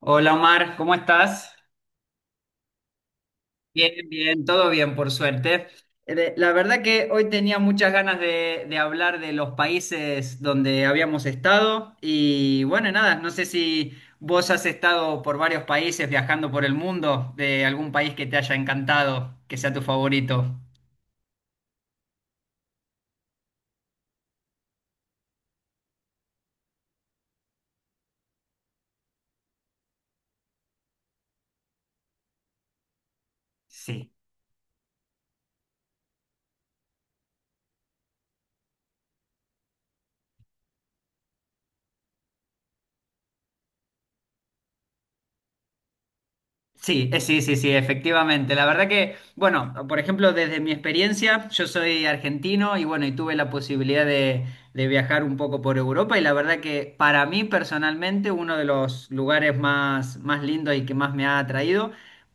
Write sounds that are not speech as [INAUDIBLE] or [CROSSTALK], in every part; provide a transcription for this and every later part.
Hola Omar, ¿cómo estás? Bien, bien, todo bien, por suerte. La verdad que hoy tenía muchas ganas de hablar de los países donde habíamos estado y bueno, nada, no sé si vos has estado por varios países viajando por el mundo, de algún país que te haya encantado, que sea tu favorito. Sí. Sí, sí, sí, sí, efectivamente. La verdad que, bueno, por ejemplo, desde mi experiencia, yo soy argentino y bueno, y tuve la posibilidad de viajar un poco por Europa y la verdad que para mí personalmente uno de los lugares más, más lindos y que más me ha atraído,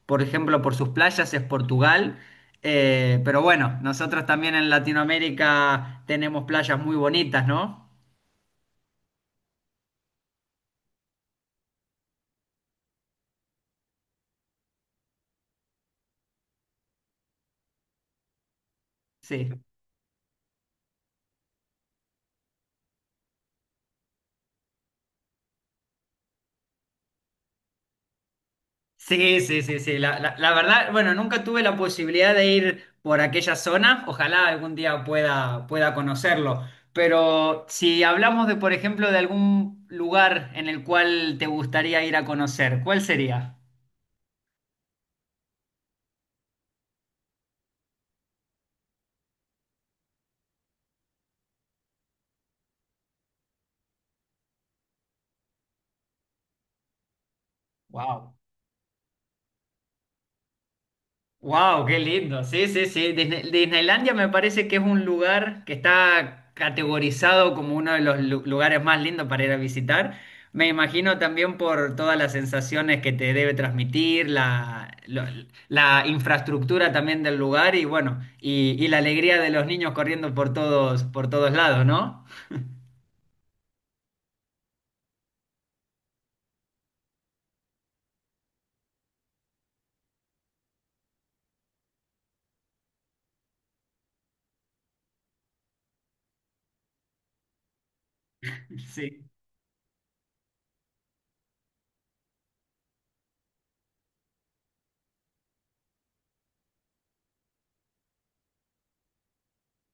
por ejemplo, por sus playas es Portugal. Pero bueno, nosotros también en Latinoamérica tenemos playas muy bonitas, ¿no? Sí. Sí, sí, sí, sí. La verdad, bueno, nunca tuve la posibilidad de ir por aquella zona. Ojalá algún día pueda, pueda conocerlo. Pero si hablamos de, por ejemplo, de algún lugar en el cual te gustaría ir a conocer, ¿cuál sería? Wow. Wow, qué lindo. Sí, sí, sí. Disneylandia me parece que es un lugar que está categorizado como uno de los lugares más lindos para ir a visitar. Me imagino también por todas las sensaciones que te debe transmitir, la infraestructura también del lugar y bueno, y la alegría de los niños corriendo por todos lados, ¿no? [LAUGHS] Sí.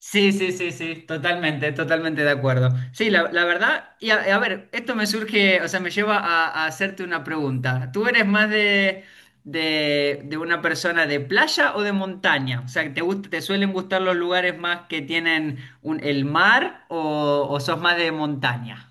Sí, sí, sí, sí, totalmente, totalmente de acuerdo. Sí, la verdad, y a ver, esto me surge, o sea, me lleva a hacerte una pregunta. ¿Tú eres más de una persona de playa o de montaña? O sea, ¿te gusta, te suelen gustar los lugares más que tienen el mar o sos más de montaña?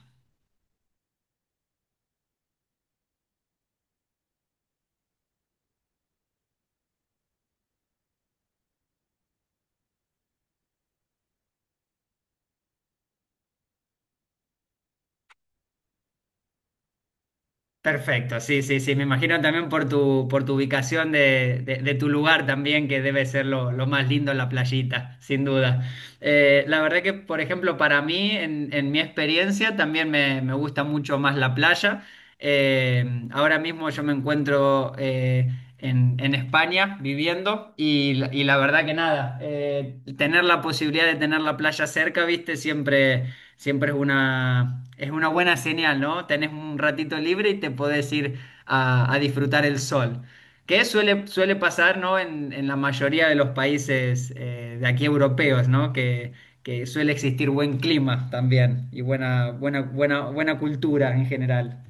Perfecto, sí, sí, sí. Me imagino también por tu ubicación de tu lugar también, que debe ser lo más lindo en la playita, sin duda. La verdad que, por ejemplo, para mí, en mi experiencia, también me gusta mucho más la playa. Eh, Ahora mismo yo me encuentro en España viviendo y, la verdad que nada, tener la posibilidad de tener la playa cerca, viste, siempre. Siempre es una buena señal, ¿no? Tenés un ratito libre y te podés ir a disfrutar el sol. Que suele, suele pasar, ¿no? En la mayoría de los países de aquí europeos, ¿no? Que suele existir buen clima también y buena, buena, buena, buena cultura en general.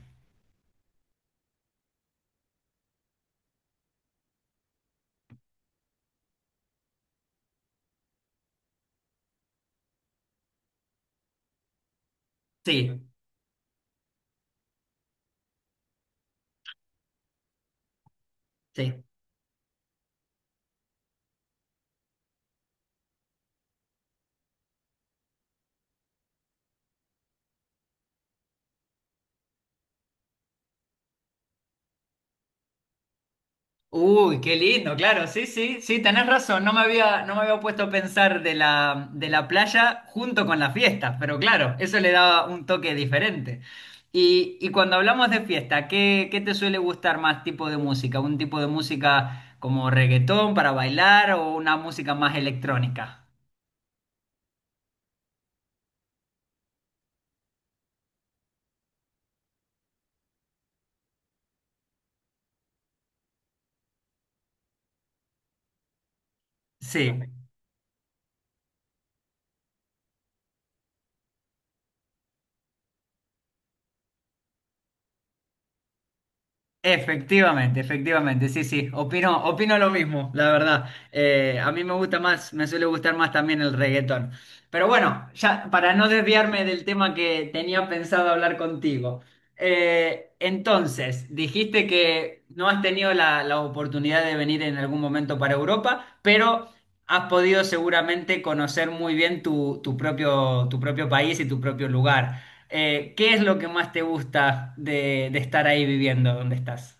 Sí, sí. Uy, qué lindo, claro, sí, sí, sí, tenés razón, no me había, no me había puesto a pensar de la playa junto con las fiestas, pero claro, eso le daba un toque diferente. Y cuando hablamos de fiesta, ¿qué, qué te suele gustar más tipo de música? ¿Un tipo de música como reggaetón para bailar o una música más electrónica? Sí. Efectivamente, efectivamente, sí, sí, opino, opino lo mismo, la verdad. A mí me gusta más, me suele gustar más también el reggaetón. Pero bueno, ya para no desviarme del tema que tenía pensado hablar contigo. Entonces, dijiste que no has tenido la oportunidad de venir en algún momento para Europa, pero has podido seguramente conocer muy bien tu, tu propio país y tu propio lugar. ¿Qué es lo que más te gusta de estar ahí viviendo donde estás?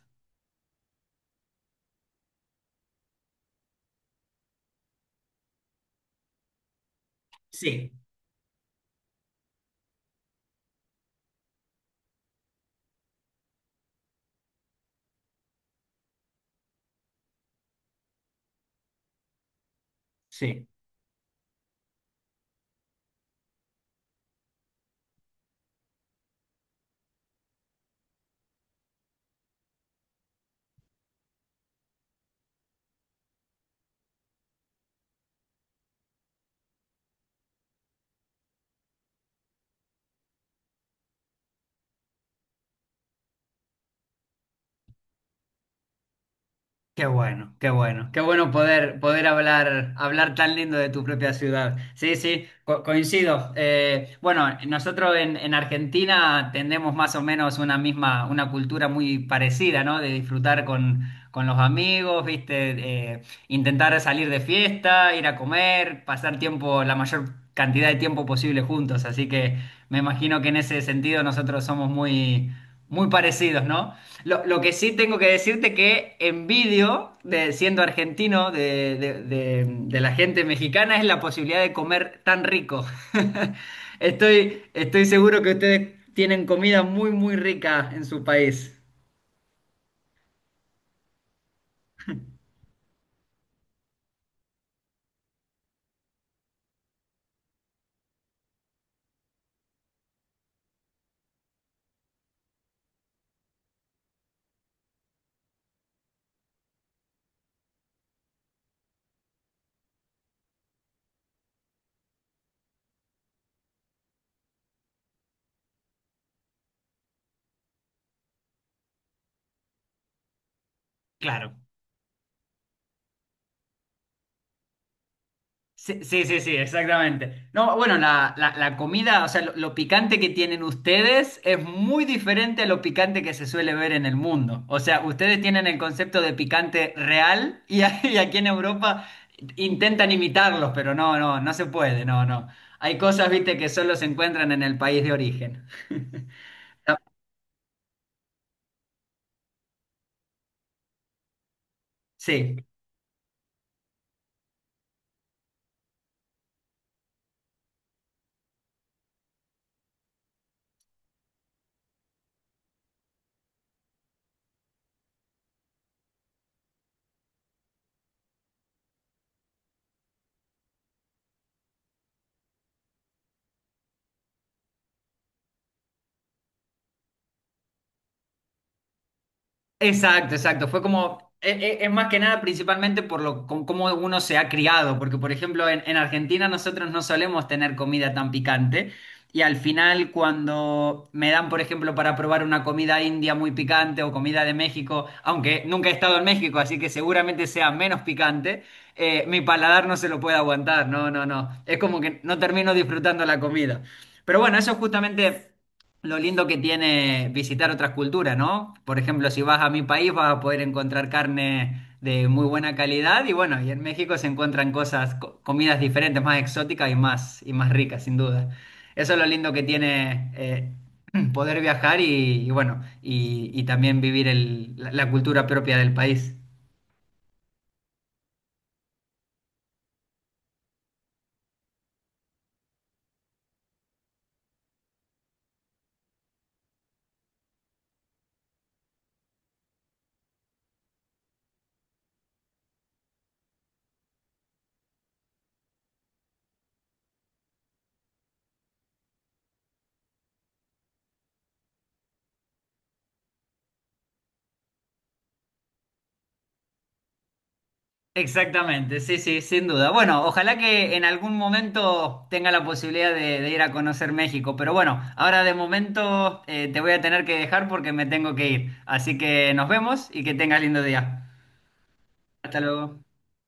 Sí, sí. Qué bueno, qué bueno, qué bueno poder, poder hablar, hablar tan lindo de tu propia ciudad. Sí, sí, coincido. Bueno, nosotros en Argentina tendemos más o menos una misma, una cultura muy parecida, ¿no? De disfrutar con los amigos, ¿viste? Intentar salir de fiesta, ir a comer, pasar tiempo, la mayor cantidad de tiempo posible juntos. Así que me imagino que en ese sentido nosotros somos muy muy parecidos, ¿no? Lo que sí tengo que decirte que envidio, de, siendo argentino, de la gente mexicana, es la posibilidad de comer tan rico. [LAUGHS] Estoy, estoy seguro que ustedes tienen comida muy, muy rica en su país. Claro, sí, sí, sí, sí, exactamente. No, bueno, la comida, o sea, lo picante que tienen ustedes es muy diferente a lo picante que se suele ver en el mundo. O sea, ustedes tienen el concepto de picante real y, [LAUGHS] y aquí en Europa intentan imitarlos, pero no, no, no se puede, no, no. Hay cosas, viste, que solo se encuentran en el país de origen. Sí. Exacto, exacto. Fue como, es, más que nada principalmente por lo, con cómo uno se ha criado, porque por ejemplo en Argentina nosotros no solemos tener comida tan picante y al final cuando me dan, por ejemplo, para probar una comida india muy picante o comida de México, aunque nunca he estado en México, así que seguramente sea menos picante, mi paladar no se lo puede aguantar, no, no, no. Es como que no termino disfrutando la comida. Pero bueno, eso es justamente... Lo lindo que tiene visitar otras culturas, ¿no? Por ejemplo, si vas a mi país vas a poder encontrar carne de muy buena calidad y bueno, y en México se encuentran cosas, comidas diferentes, más exóticas y más ricas, sin duda. Eso es lo lindo que tiene [CLEARS THROAT] poder viajar y bueno, y también vivir la cultura propia del país. Exactamente, sí, sí, sin duda. Bueno, ojalá que en algún momento tenga la posibilidad de ir a conocer México, pero bueno, ahora de momento te voy a tener que dejar porque me tengo que ir. Así que nos vemos y que tengas lindo día. Hasta luego.